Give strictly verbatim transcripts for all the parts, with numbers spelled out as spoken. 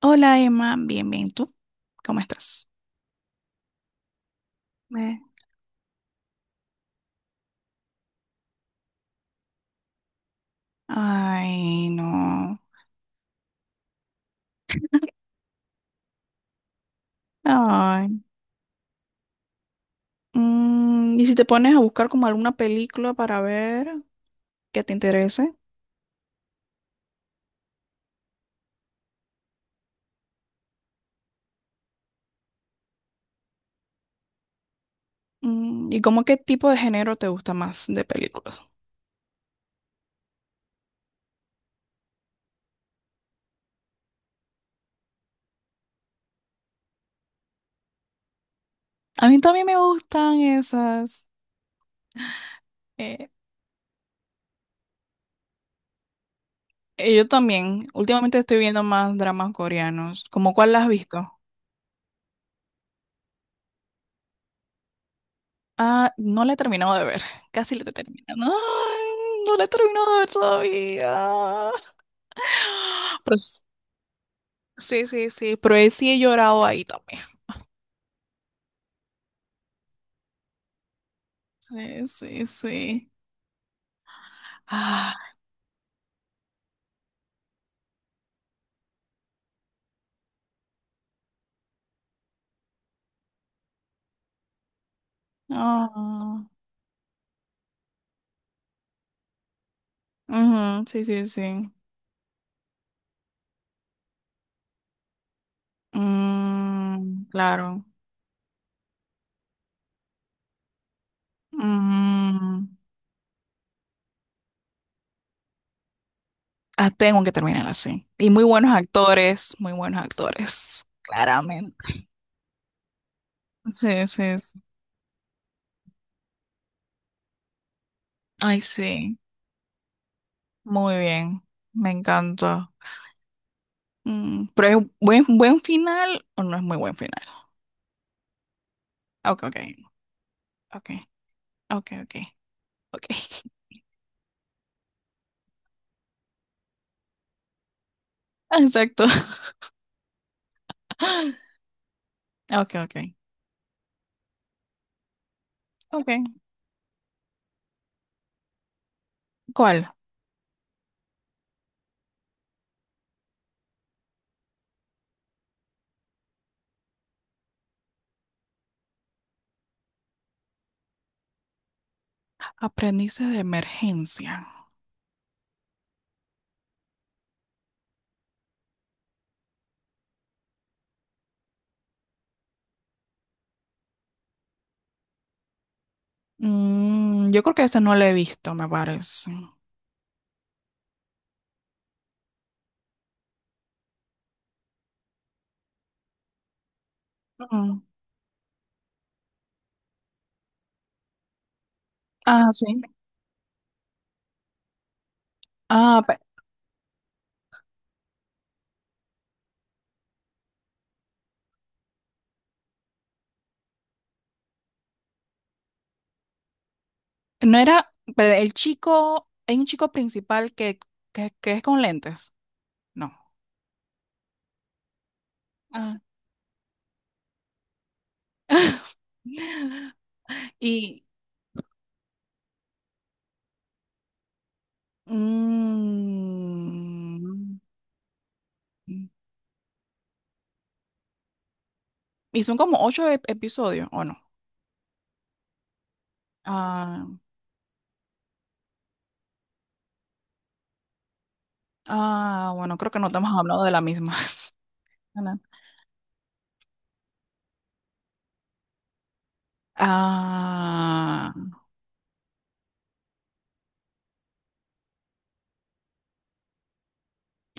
Hola Emma, bien, bien, ¿tú? ¿Cómo estás? Eh, Ay, no. Ay. Mm, ¿y si te pones a buscar como alguna película para ver que te interese? Mm, ¿y como qué tipo de género te gusta más de películas? A mí también me gustan esas. Eh, eh, yo también. Últimamente estoy viendo más dramas coreanos. ¿Cómo cuál la has visto? Ah, no la he terminado de ver. Casi la he terminado. Ay, no la he terminado de ver todavía. Pero. Sí, sí, sí, pero eh, sí he llorado ahí también. Sí, sí, sí. Ah, no. Ujú, sí, sí, sí. Mm, claro. Mm, ah, tengo que terminar así. Y muy buenos actores, muy buenos actores, claramente. Sí, sí, sí. Ay, sí. Muy bien. Me encanta. Mm, pero es buen, buen final o no es muy buen final. Ok, ok, ok, ok, ok, ok. Exacto. Ok, ok. Ok. ¿Cuál? Aprendices de emergencia. Mm, yo creo que ese no lo he visto, me parece. Ujú. Ah, sí. Ah, pe- no era pe- el chico, hay un chico principal que, que, que es con lentes. No. Ah. Y, mm, y son como ocho ep- episodios, ¿o no? Ah, ah, bueno, creo que no te hemos hablado de la misma. Ah,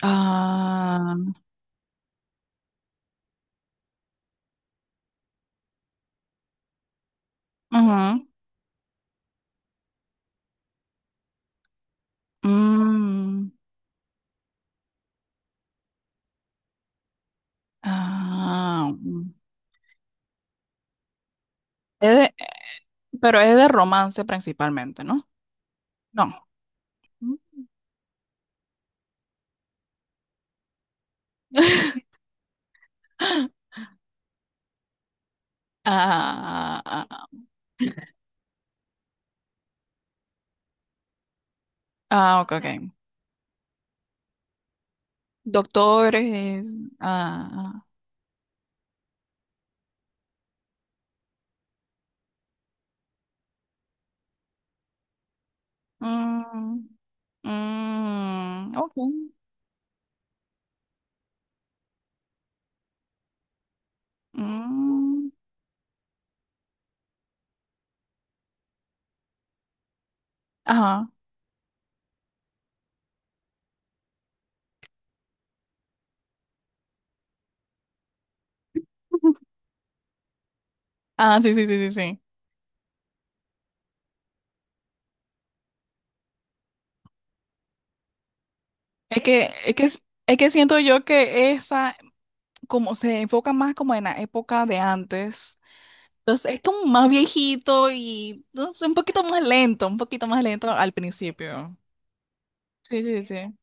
ah, ujú, mm, ah, mm. Es de- pero es de romance principalmente, ¿no? No. Ah, ah, ah, ah, ok, ok. Doctores. Ah, ah, mm, mm, ok. Mm, ajá. Ah, sí, sí, sí, sí, sí. Es que, es que, es que siento yo que esa como se enfoca más como en la época de antes. Entonces es como más viejito y no sé, un poquito más lento, un poquito más lento al principio. Sí, sí, sí.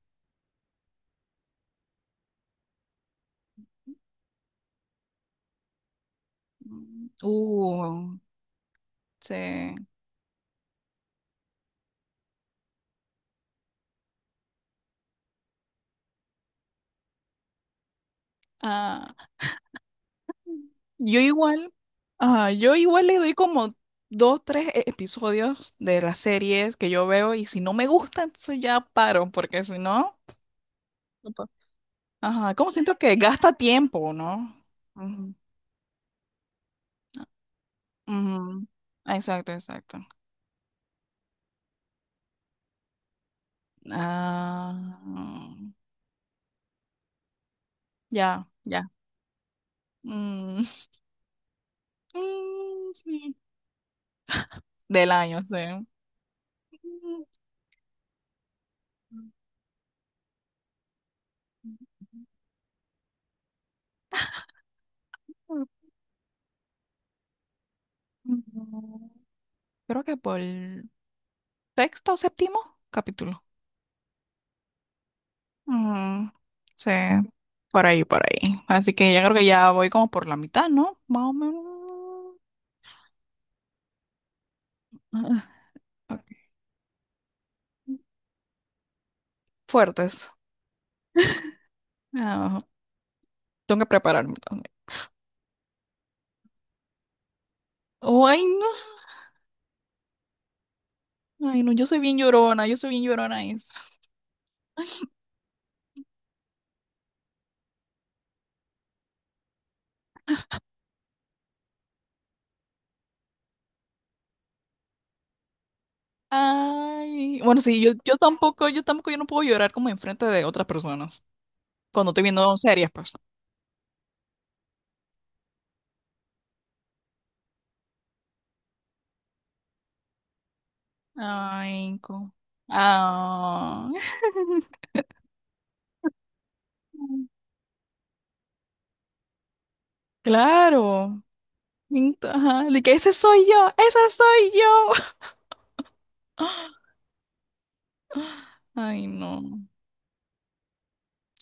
Mm. Uh, sí. Ah, yo igual, ah, yo igual le doy como dos, tres e- episodios de las series que yo veo y si no me gusta, entonces ya paro, porque si no, no puedo. Ajá, como siento que gasta tiempo, ¿no? Ujú, ujú. Exacto, exacto. Ah, mm, ya, ya. Mm, mm, sí. Del año, sí. Mm, Creo que por el sexto o séptimo capítulo. Mm, sí, por ahí, por ahí. Así que ya creo que ya voy como por la mitad, ¿no? Más o menos. Ah, ok. Fuertes. Ah, tengo que prepararme también. Ay, no. Ay, no, yo soy bien llorona, yo soy bien llorona. Es. Ay, bueno, sí, yo, yo tampoco, yo tampoco, yo no puedo llorar como enfrente de otras personas. Cuando estoy viendo series, pues. Ay, co- Ah. Claro. Ent- Ajá. De que ese soy yo, ese soy yo. Ay, no.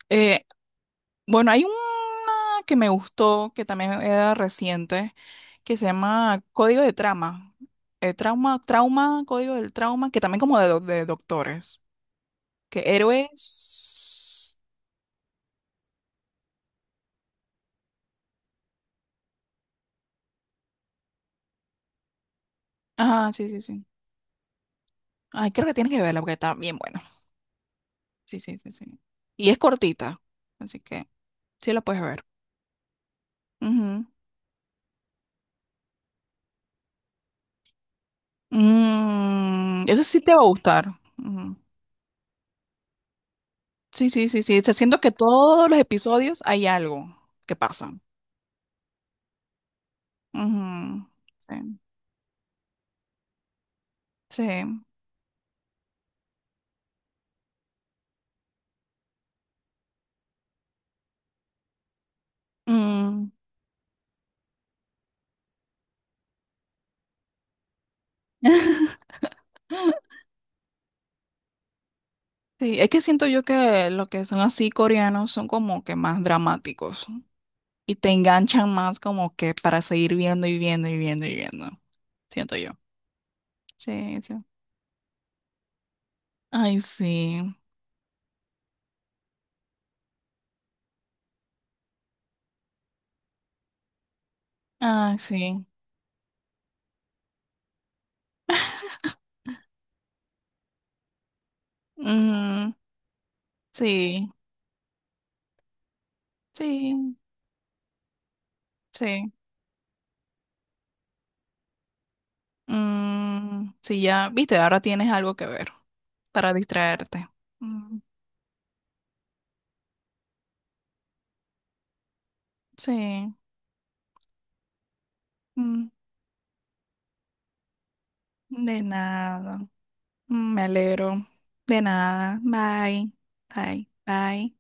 Eh, bueno, hay una que me gustó, que también era reciente, que se llama Código de Trama. Eh, trauma, trauma, código del trauma, que también como de, do- de doctores. Que héroes. Ah, sí, sí, sí. Ay, creo que tienes que verla porque está bien buena. Sí, sí, sí, sí. Y es cortita, así que sí la puedes ver. Ujú. Mm, esa sí te va a gustar. Ujú. Sí, sí, sí, sí. Se siento que todos los episodios hay algo que pasa. Ujú. Sí, sí. Mm. Sí, es que siento yo que lo que son así coreanos son como que más dramáticos. Y te enganchan más como que para seguir viendo y viendo y viendo y viendo. Siento yo. Sí, sí. Ay, sí. Ay, sí. Ujú. Sí, sí, sí. Mm, sí, ya, viste, ahora tienes algo que ver para distraerte. Mm, sí. Mm, de nada. Mm, me alegro. De nada. Bye. Bye. Bye.